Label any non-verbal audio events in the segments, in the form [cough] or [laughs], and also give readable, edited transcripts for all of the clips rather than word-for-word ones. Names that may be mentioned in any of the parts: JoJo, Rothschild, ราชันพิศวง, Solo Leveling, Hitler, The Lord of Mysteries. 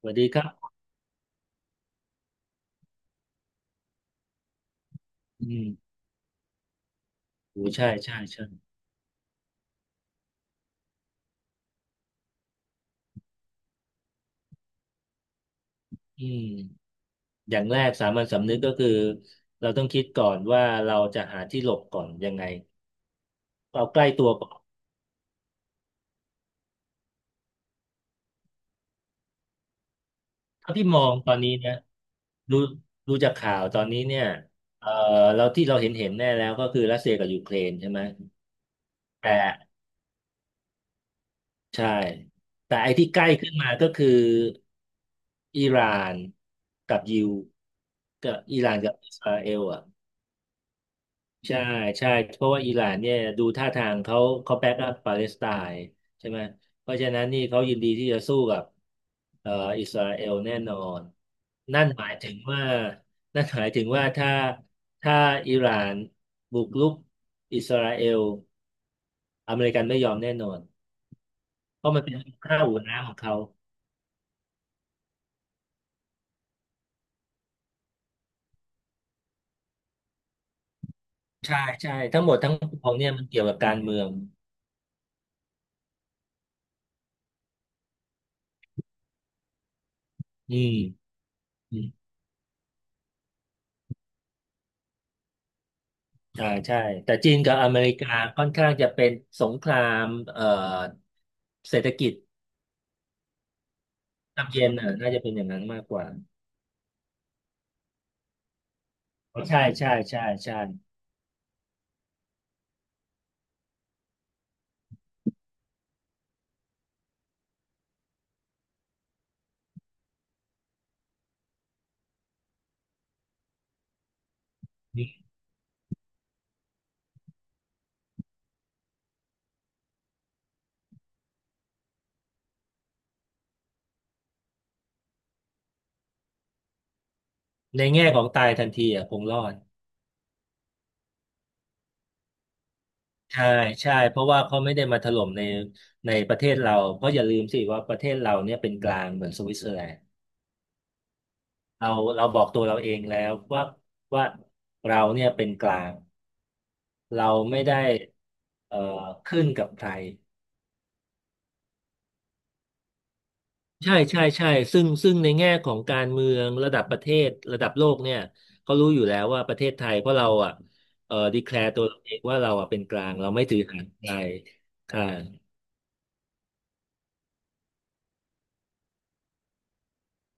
สวัสดีครับอืมโอ้ใช่ใช่ใช่อืมอย่างแรกสามัญสำนึกก็คือเราต้องคิดก่อนว่าเราจะหาที่หลบก่อนยังไงเอาใกล้ตัวก่อนเท่าที่มองตอนนี้นะดูดูจากข่าวตอนนี้เนี่ยเอ่อเราที่เราเห็นเห็นแน่แล้วก็คือรัสเซียกับยูเครนใช่ไหมแต่ใช่แต่ไอ้ที่ใกล้ขึ้นมาก็คืออิหร่านกับยิวกับอิหร่านกับอิสราเอลอ่ะ ใช่ใช่เพราะว่าอิหร่านเนี่ยดูท่าทางเขาเขาแบ็กอัพปาเลสไตน์ใช่ไหมเพราะฉะนั้นนี่เขายินดีที่จะสู้กับเอ่ออิสราเอลแน่นอนนั่นหมายถึงว่านั่นหมายถึงว่าถ้าถ้าอิหร่านบุกรุกอิสราเอลอเมริกันไม่ยอมแน่นอนเพราะมันเป็นข้าวหัวน้ำของเขาใช่ใช่ทั้งหมดทั้งปวงเนี่ยมันเกี่ยวกับการเมืองอืม อ่าใช่แต่จีนกับอเมริกาค่อนข้างจะเป็นสงครามเอ่อเศรษฐกิจนำเย็นอ่ะน่าจะเป็นอย่างนั้นมากกว่าอ๋อใช่ใช่ใช่ใช่ในแง่ของตายทันทีอ่ะคงรอดใช่ใช่เพราะว่าเขาไม่ได้มาถล่มในประเทศเราเพราะอย่าลืมสิว่าประเทศเราเนี่ยเป็นกลางเหมือนสวิตเซอร์แลนด์เราเราบอกตัวเราเองแล้วว่าเราเนี่ยเป็นกลางเราไม่ได้เอ่อขึ้นกับใคร ใช่ใช่ใช่ซึ่งในแง่ของการเมืองระดับประเทศระดับโลกเนี่ยเขารู้อยู่แล้วว่าประเทศไทยเพราะเราอ่ะดีแคลร์ตัวเราเองว่าเราอ่ะเป็นกลางเราไม่ถือหางใครใช่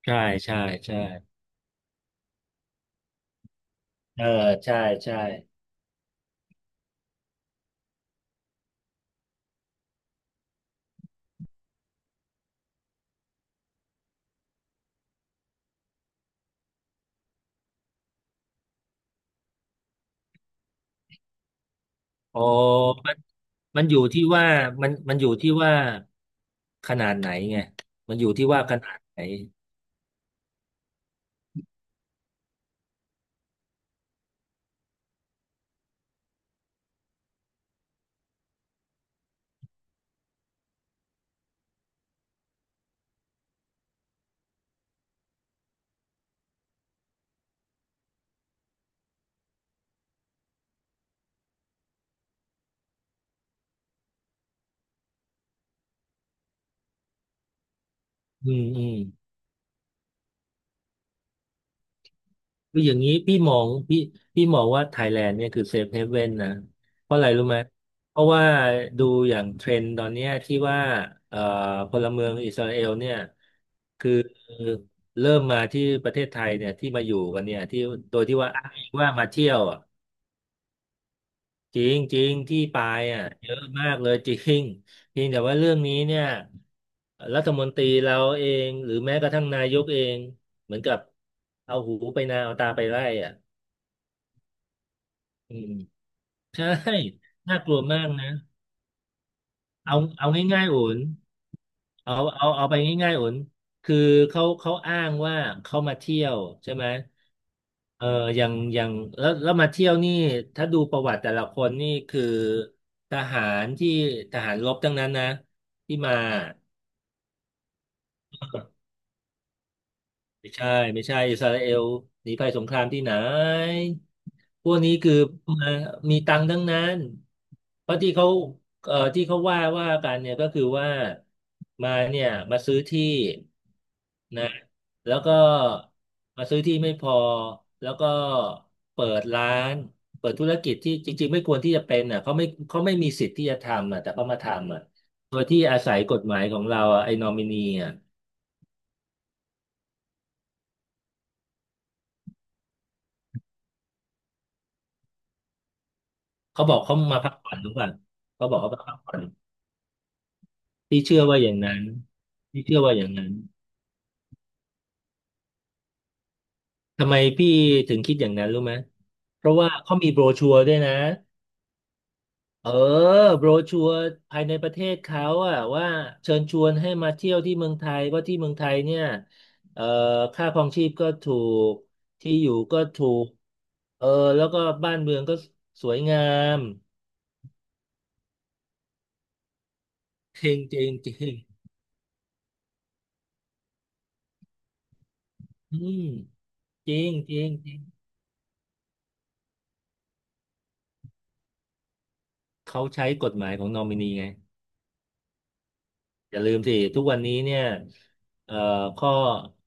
ใช่ใช่ใช่เออใช่ใช่อ๋อมันมันอยู่ที่ว่ามันอยู่ที่ว่าขนาดไหนไงมันอยู่ที่ว่าขนาดไหนอืมอืม คืออย่างนี้พี่มองว่าไทยแลนด์เนี่ยคือเซฟเฮเว่นนะเพราะอะไรรู้ไหมเพราะว่าดูอย่างเทรนด์ตอนเนี้ยที่ว่าเอ่อพลเมืองอิสราเอลเนี่ยคือเริ่มมาที่ประเทศไทยเนี่ยที่มาอยู่กันเนี่ยที่โดยที่ว่าอ้างอิงว่ามาเที่ยวอ่ะจริงจริงที่ปายอ่ะเยอะมากเลยจริงเพียงแต่ว่าเรื่องนี้เนี่ยรัฐมนตรีเราเองหรือแม้กระทั่งนายกเองเหมือนกับเอาหูไปนาเอาตาไปไล่อ่ะอืม ใช่ น่ากลัวมากนะ เอาเอาง่ายๆโอนเอาเอาเอาไปง่ายๆโอนคือเขาอ้างว่าเขามาเที่ยวใช่ไหมเอออย่างแล้วมาเที่ยวนี่ถ้าดูประวัติแต่ละคนนี่คือทหารที่ทหารรบทั้งนั้นนะ ที่มา ไม่ใช่ไม่ใช่อิสราเอลหนีภัยสงครามที่ไหนพวกนี้คือมามีตังค์ทั้งนั้นเพราะที่เขาที่เขาว่ากันเนี่ยก็คือว่ามาเนี่ยมาซื้อที่นะแล้วก็มาซื้อที่ไม่พอแล้วก็เปิดร้านเปิดธุรกิจที่จริงๆไม่ควรที่จะเป็นอ่ะเขาไม่เขาไม่มีสิทธิ์ที่จะทำอ่ะแต่เขามาทำอ่ะโดยที่อาศัยกฎหมายของเราอ่ะไอ้นอมินีอ่ะ เขาบอกเขามาพักผ่อนรือป่เขาบอกเขามาพักผ่อนพี่เชื่อว่าอย่างนั้นพี่เชื่อว่าอย่างนั้นทำไมพี่ถึงคิดอย่างนั้นรู้ไหมเพราะว่าเขามีโบรชัวร์ด้วยนะเออโบรชัวร์ภายในประเทศเขาอะว่าเชิญชวนให้มาเที่ยวที่เมืองไทยเพราะที่เมืองไทยเนี่ยเอ่อค่าครองชีพก็ถูกที่อยู่ก็ถูกเออแล้วก็บ้านเมืองก็สวยงามจริงจริงจริงอืมจริงจริง เขาใช้กฎหมายของนอมินีไงอย่าลืมสิทุกวันนี้เนี่ยเอ่อข้อ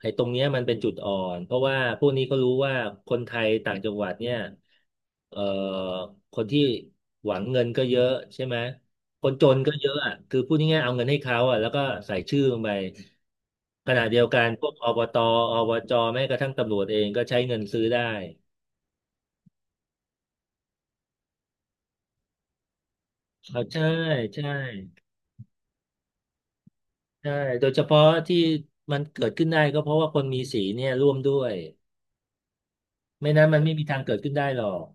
ไอ้ตรงเนี้ยมันเป็นจุดอ่อนเพราะว่าพวกนี้ก็รู้ว่าคนไทยต่างจังหวัดเนี่ยเอ่อคนที่หวังเงินก็เยอะใช่ไหมคนจนก็เยอะอ่ะคือพูดง่ายๆเอาเงินให้เขาอ่ะแล้วก็ใส่ชื่อลงไปขณะเดียวกันพวกอบตอบจแม้กระทั่งตำรวจเองก็ใช้เงินซื้อได้เอาใช่ใช่ ใช่โดยเฉพาะที่มันเกิดขึ้นได้ก็เพราะว่าคนมีสีเนี่ยร่วมด้วยไม่นั้นมันไม่มีทางเกิดขึ้นได้หรอก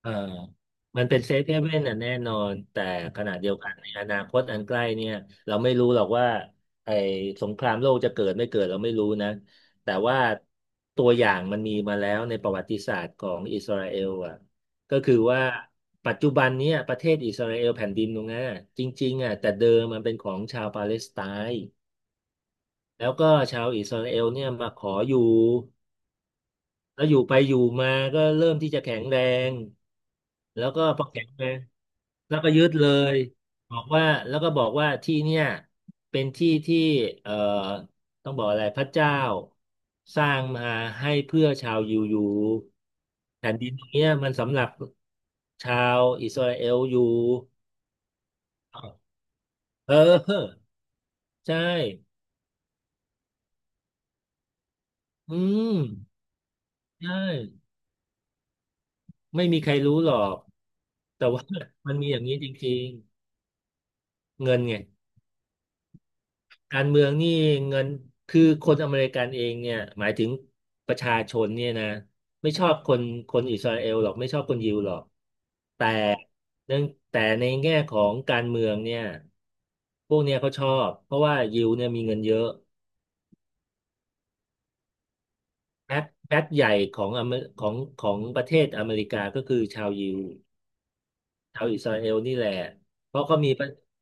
เออมันเป็นเซฟเฮเว่นน่ะแน่นอนแต่ขณะเดียวกันในอนาคตอันใกล้เนี่ยเราไม่รู้หรอกว่าไอ้สงครามโลกจะเกิดไม่เกิดเราไม่รู้นะแต่ว่าตัวอย่างมันมีมาแล้วในประวัติศาสตร์ของอิสราเอลอ่ะก็คือว่าปัจจุบันเนี้ยประเทศอิสราเอลแผ่นดินตรงนั้นอะจริงๆอ่ะแต่เดิมมันเป็นของชาวปาเลสไตน์ แล้วก็ชาวอิสราเอลเนี่ยมาขออยู่แล้วอยู่ไปอยู่มาก็เริ่มที่จะแข็งแรงแล้วก็พอแข็งแรงแล้วก็ยึดเลยบอกว่าแล้วก็บอกว่าที่เนี่ยเป็นที่ที่เอ่อต้องบอกอะไรพระเจ้าสร้างมาให้เพื่อชาวยิวอยู่แผ่นดินตรงเนี้ยมันสำหรับชาวอิสราเอลอยู่เออใช่อืมใช่ ไม่มีใครรู้หรอกแต่ว่า [laughs] มันมีอย่างนี้จริงๆเงินไงการเมืองนี่เงินคือคนอเมริกันเองเนี่ยหมายถึงประชาชนเนี่ยนะไม่ชอบคนอิสราเอลหรอกไม่ชอบคนยิวหรอกแต่เนื่องแต่ในแง่ของการเมืองเนี่ยพวกเนี้ยเขาชอบเพราะว่ายิวเนี่ยมีเงินเยอะแพ็คใหญ่ของอเมของประเทศอเมริกาก็คือชาวยิว ชาวอิสราเอลนี่แหละเพราะ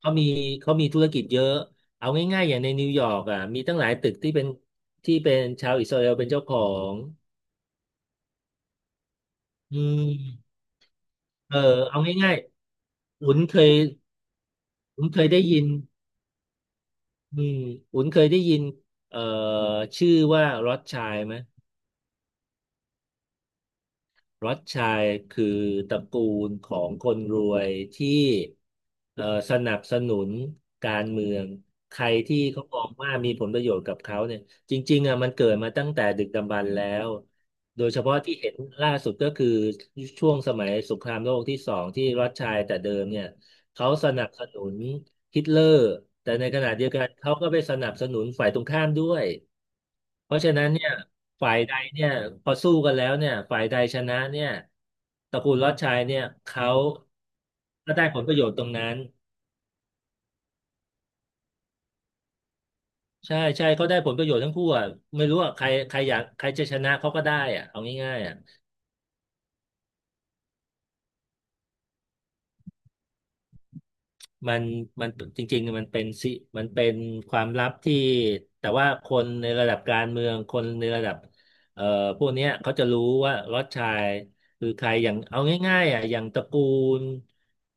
เขามีเขามีธุรกิจเยอะ เอาง่ายๆอย่างในนิวยอร์กอ่ะมีตั้งหลายตึกที่เป็นชาวอิสราเอลเป็นเจ้าของอืมเออเอาง่ายๆอุ่นเคยได้ยินอืมอุ่นเคยได้ยินเอ่อชื่อว่ารอ h ชัยไหม รสชัยคือตระกูลของคนรวยที่เอ่อสนับสนุนการเมืองใครที่เขามองว่ามีผลประโยชน์กับเขาเนี่ยจริงๆอ่ะมันเกิดมาตั้งแต่ดึกดำบรรพ์แล้วโดยเฉพาะที่เห็นล่าสุดก็คือช่วงสมัยสงครามโลกที่สองที่รัสชัยแต่เดิมเนี่ยเขาสนับสนุนฮิตเลอร์แต่ในขณะเดียวกันเขาก็ไปสนับสนุนฝ่ายตรงข้ามด้วย เพราะฉะนั้นเนี่ยฝ่ายใดเนี่ยพอสู้กันแล้วเนี่ยฝ่ายใดชนะเนี่ยตระกูลลอดชายเนี่ยเขาก็ได้ผลประโยชน์ตรงนั้นใช่ใช่เขาได้ผลประโยชน์ทั้งคู่อ่ะไม่รู้อ่ะใครใครอยากใครจะชนะเขาก็ได้อ่ะเอาง่ายๆอ่ะ มันมันจริงๆมันเป็นความลับที่แต่ว่าคนในระดับการเมืองคนในระดับเอ่อพวกเนี้ยเขาจะรู้ว่าล็อตชายคือใครอย่างเอาง่ายๆอ่ะอย่างตระกูล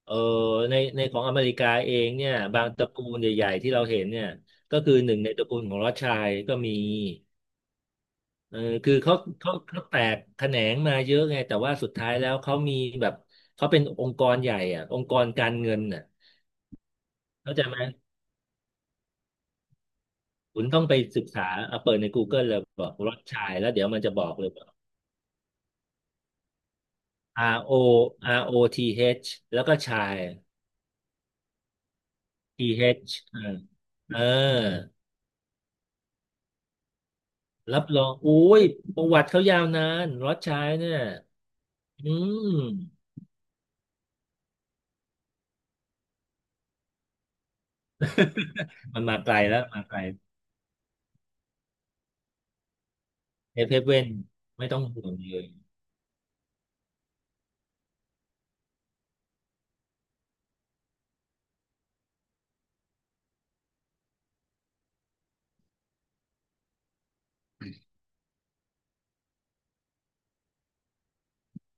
เอ่อในของอเมริกาเองเนี่ยบางตระกูลใหญ่ๆที่เราเห็นเนี่ยก็คือหนึ่งในตระกูลของล็อตชายก็มีเออคือเขาแตกแขนงมาเยอะไงแต่ว่าสุดท้ายแล้วเขามีแบบเขาเป็นองค์กรใหญ่อ่ะองค์กรการเงินน่ะเข้าใจไหม คุณต้องไปศึกษาเอาเปิดใน Google เลยบอกรสชายแล้วเดี๋ยวมันจะบอกเลยบอก R O R O T H แล้วก็ชาย T H เอชเออเออรับรองอุ้ยประวัติเขายาวนานรสชายเนี่ยอืมมันมาไกลแล้วมาไกลเอฟเอฟเว่นไม่ต้องห่วงเลย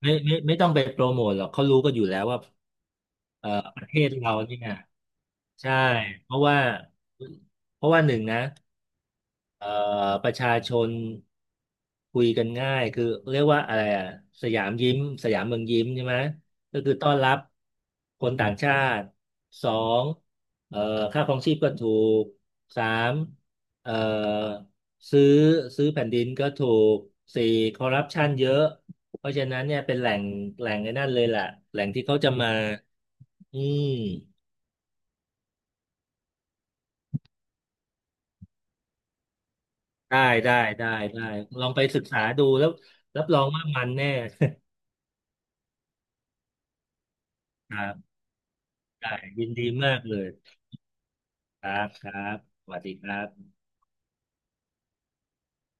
ไม่ไม่ต้องไปโปรโมทหรอกเขารู้กันอยู่แล้วว่าประเทศเราเนี่ยใช่เพราะว่าเพราะว่าหนึ่งนะ เอ่อประชาชนคุยกันง่ายคือเรียกว่าอะไรอ่ะสยามยิ้มสยามเมืองยิ้มใช่ไหมก็คือต้อนรับคนต่างชาติสองเอ่อค่าครองชีพก็ถูกสามเอ่อซื้อซื้อแผ่นดินก็ถูกสี่คอร์รัปชันเยอะเพราะฉะนั้นเนี่ยเป็นแหล่งไอ้นั่นเลยแหละแหล่งที่เขาจะมาอืมได้ได้ได้ได้ลองไปศึกษาดูแล้วรับรองว่ามันแน่ [laughs] ครับ ได้ยินดีมากเลยครับครับสวัสดีครับ